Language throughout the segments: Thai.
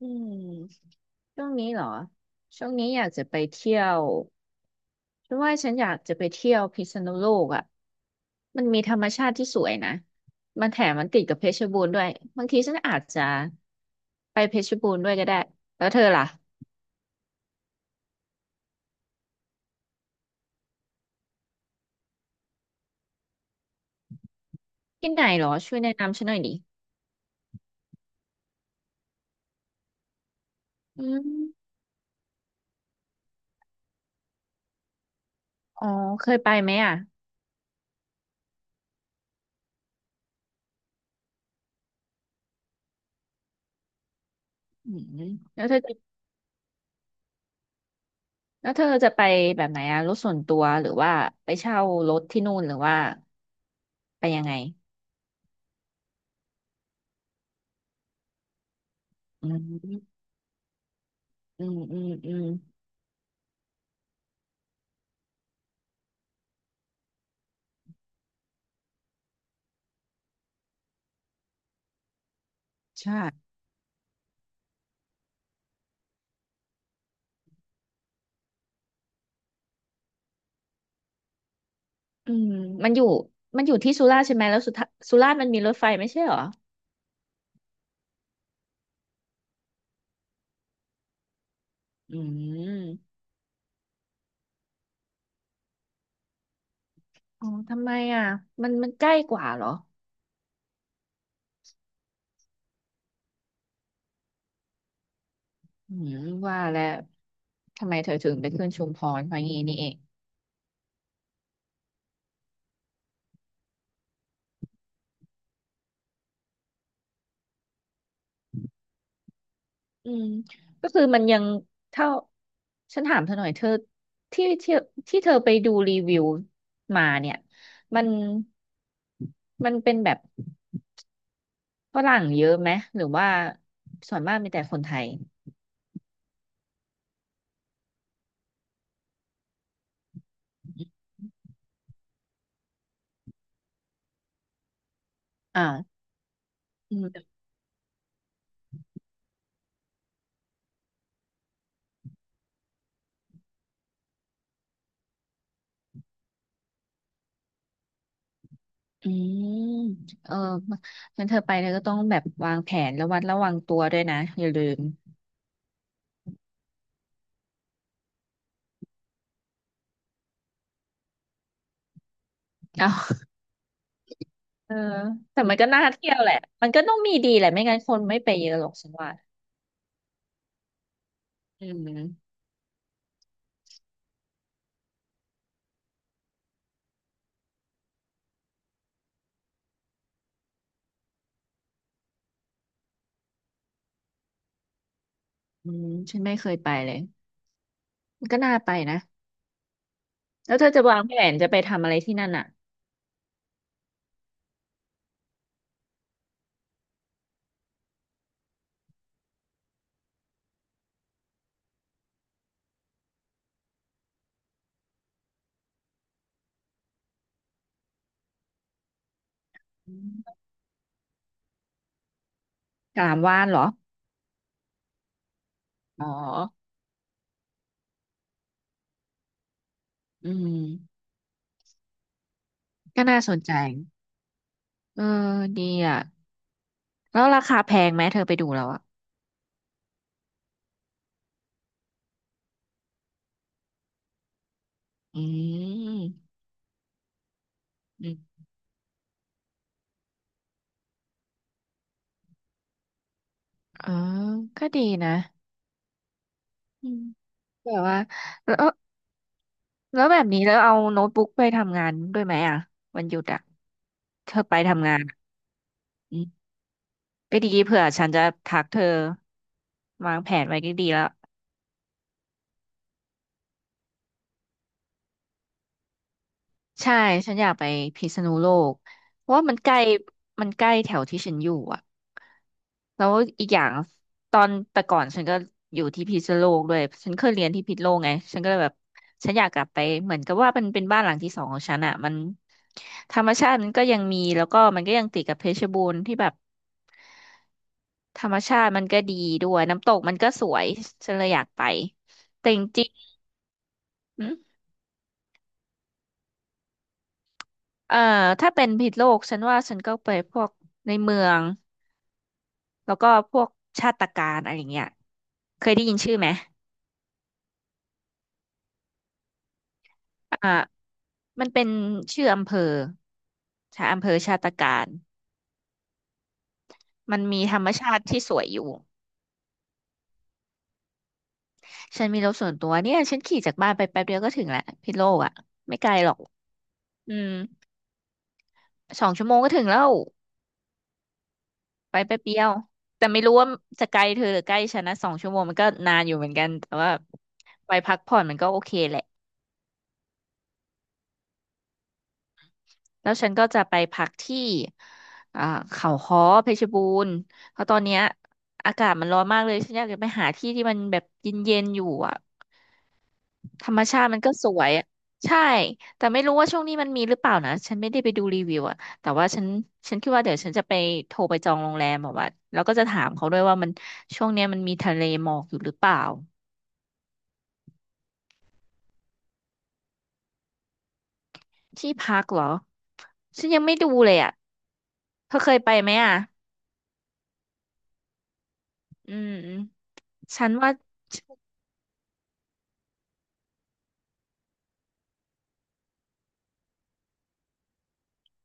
อืมช่วงนี้เหรอช่วงนี้อยากจะไปเที่ยวฉันว่าฉันอยากจะไปเที่ยวพิษณุโลกอ่ะมันมีธรรมชาติที่สวยนะมันแถมมันติดกับเพชรบูรณ์ด้วยบางทีฉันอาจจะไปเพชรบูรณ์ด้วยก็ได้แล้วเธอล่ะที่ไหนเหรอช่วยแนะนำฉันหน่อยดิอืมอ๋อเคยไปไหมอ่ะอืมแล้วเธอจะแล้วเธอจะไปแบบไหนอ่ะรถส่วนตัวหรือว่าไปเช่ารถที่นู่นหรือว่าไปยังไงอืมอืมอืมอืม ใช่อืมมันอยู่มันอยู่ที่สุราษฎร์ใช่ไหมแล้วสุทสุราษฎร์มันมีรถไฟไม่ใช่เหรอ อืม อ๋อทำไมอ่ะ มันมันใกล้กว่าเหรออืมว่าแล้วทำไมเธอถึงไปขึ้นชุมพรเพราะงี้นี่เองอืมก็คือมันยังเท่าฉันถามเธอหน่อยเธอที่ที่ที่เธอไปดูรีวิวมาเนี่ย มัน มันเป็นแบบฝรั่งเยอะไหม หรือว่าส่วนมากมีแต่คนไทยอ่าอืม อืมเอองั้นเธอไปเธอก็ต้องแบบวางแผนระวัดระวังตัวด้วยนะอย่าลืมเอาเออแต่มันก็น่าเที่ยวแหละมันก็ต้องมีดีแหละไม่งั้นคนไม่ไปเยอะหรอกฉันว่าอืมอืมฉันไม่เคยไปเลยมันก็น่าไปนะแล้วเธอจะวางแผนจะไปทำอะไรที่นั่นอ่ะอืมกลามว่านเหรออ๋ออืมก็น่าสนใจเออดีอ่ะแล้วราคาแพงไหมเธอไปดูแล้วอ่ะอืมอืมเออก็ดีนะอืม แบบว่าแล้วแล้วแบบนี้แล้วเอาโน้ตบุ๊กไปทำงานด้วยไหมอ่ะวันหยุดอ่ะเธอไปทำงานอะอืมก็ดีเผื่อฉันจะทักเธอวางแผนไว้ดีๆแล้ว ใช่ฉันอยากไปพิษณุโลกเพราะว่ามันใกล้มันใกล้แถวที่ฉันอยู่อ่ะแล้วอีกอย่างตอนแต่ก่อนฉันก็อยู่ที่พิษณุโลกด้วยฉันเคยเรียนที่พิษณุโลกไงฉันก็เลยแบบฉันอยากกลับไปเหมือนกับว่ามันเป็นบ้านหลังที่สองของฉันอ่ะมันธรรมชาติมันก็ยังมี แล้วก็มันก็ยังติดกับเพชรบูรณ์ที่แบบธรรมชาติมันก็ดีด้วยน้ำตกมันก็สวยฉันเลยอยากไปแต่จริงๆ เอ่อถ้าเป็นผิษโลกฉันว่าฉันก็ไปพวกในเมืองแล้วก็พวกชาติการอะไรอย่างเงี้ยเคยได้ยินชื่อไหมอ่ามันเป็นชื่ออำเภอชาอำเภอชาติการมันมีธรรมชาติที่สวยอยู่ฉันมีรถส่วนตัวเนี่ยฉันขี่จากบ้านไปแป๊บเดียวก็ถึงแหละพิษโลกอ่ะไม่ไกลหรอกอืมสองชั่วโมงก็ถึงแล้วไปแป๊บเดียวแต่ไม่รู้ว่าจะไกลเธอหรือใกล้ฉันนะสองชั่วโมงมันก็นานอยู่เหมือนกันแต่ว่าไปพักผ่อนมันก็โอเคแหละ แล้วฉันก็จะไปพักที่อ่าเขาค้อเพชรบูรณ์เพราะตอนเนี้ยอากาศมันร้อนมากเลยฉันอยากจะไปหาที่ที่มันแบบเย็นๆอยู่อ่ะธรรมชาติมันก็สวยอะใช่แต่ไม่รู้ว่าช่วงนี้มันมีหรือเปล่านะฉันไม่ได้ไปดูรีวิวอ่ะแต่ว่าฉันฉันคิดว่าเดี๋ยวฉันจะไปโทรไปจองโรงแรมแบบว่าแล้วก็จะถามเขาด้วยว่ามันช่วงเนี้ยมันมีทะเลหมอกอยู่หรือเปล่าที่พักเหรอฉันยังไม่ดูเลยอ่ะเธอเคยไปไหมอ่ะอืมฉันว่า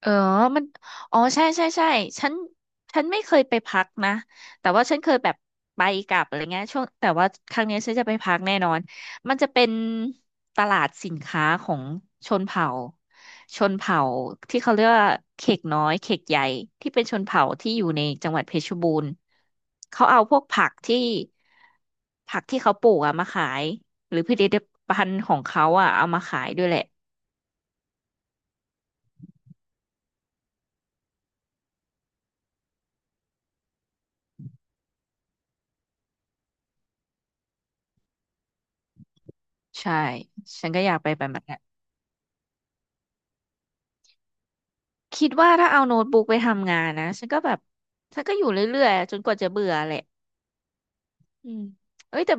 เออ มันอ๋อใช่ใช่ใช่ฉันฉันไม่เคยไปพักนะแต่ว่าฉันเคยแบบไปกลับอะไรเงี้ยช่วงแต่ว่าครั้งเนี้ยฉันจะไปพักแน่นอนมันจะเป็นตลาดสินค้าของชนเผ่า ชนเผ่าที่เขาเรียกว่าเขกน้อยเขกใหญ่ที่เป็นชนเผ่าที่อยู่ในจังหวัดเพชรบูรณ์เขาเอาพวกผักที่ ผักที่เขาปลูกอะมาขาย หรือผลิตภัณฑ์ของเขาอะเอามาขายด้วยแหละใช่ ฉันก็อยากไปแบบนั้น คิดว่าถ้าเอาโน้ตบุ๊กไปทำงานนะฉันก็แบบฉันก็อยู่เรื่อยๆจนกว่าจะเบื่อแหละอืมเอ้ยแต่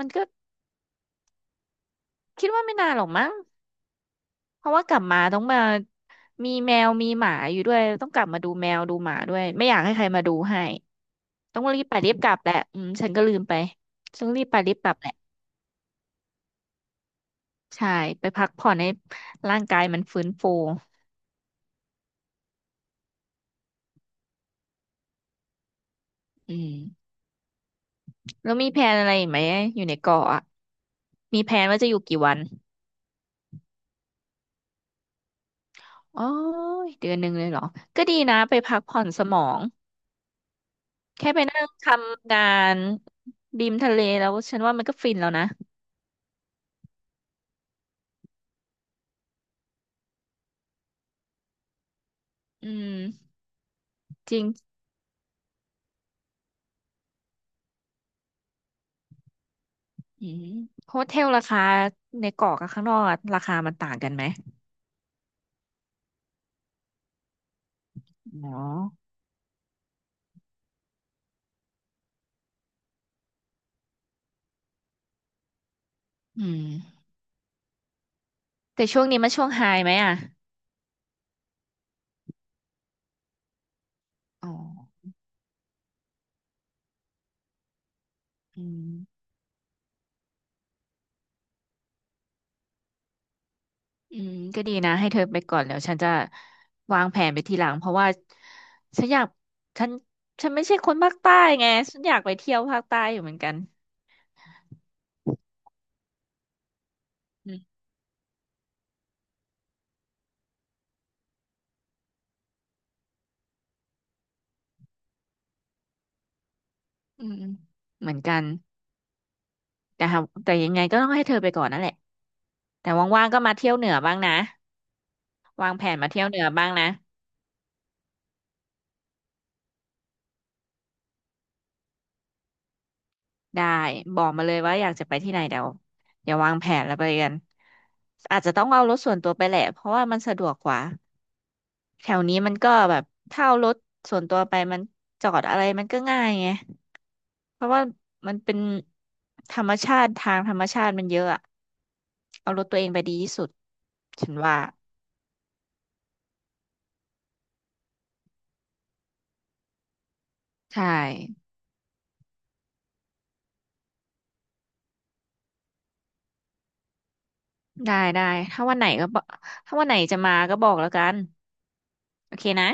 มันก็คิดว่าไม่นานหรอกมั้งเพราะว่ากลับมาต้องมามีแมวมีหมาอยู่ด้วยต้องกลับมาดูแมวดูหมาด้วยไม่อยากให้ใครมาดูให้ต้องรีบไปรีบกลับแหละอืมฉันก็ลืมไปต้องรีบไปรีบกลับแหละใช่ไปพักผ่อนให้ร่างกายมันฟื้นฟูอืมแล้วมีแผนอะไรอีกไหมอยู่ในเกาะอะมีแผนว่าจะอยู่กี่วัน อ๋อ1 เดือนเลยเหรอ ก็ดีนะไปพักผ่อนสมองแค่ไปนั่งทำงานริมทะเลแล้วฉันว่ามันก็ฟินแล้วนะอืมจริงอืมโฮเทลราคาในเกาะกับข้างนอกอะราคามันต่างกันไหมอ๋ออืมแต่ช่วงนี้มันช่วงไฮไหมอ่ะอ๋ออืมก็ดีนะให้เธอไปก่อนแล้วฉันจะวางแผนไปทีหลังเพราะว่าฉันอยากฉันฉันไม่ใช่คนภาคใต้ไงฉันอยากไปเที่ยวภาคใต้อยู่เหมือนกันอื อืมเหมือนกันแต่หาแต่ยังไงก็ต้องให้เธอไปก่อนนั่นแหละแต่ว่างๆก็มาเที่ยวเหนือบ้างนะวางแผนมาเที่ยวเหนือบ้างนะได้บอกมาเลยว่าอยากจะไปที่ไหนเดี๋ยวเดี๋ยววางแผนแล้วไปกันอาจจะต้องเอารถส่วนตัวไปแหละเพราะว่ามันสะดวกกว่าแถวนี้มันก็แบบถ้าเอารถส่วนตัวไปมันจอดอะไรมันก็ง่ายไงเพราะว่ามันเป็นธรรมชาติทางธรรมชาติมันเยอะอะเอารถตัวเองไปดีที่สุดฉันว่าใช่ ได้ได้ถ้าวันไหนก็บอกถ้าวันไหนจะมาก็บอกแล้วกันโอเคนะ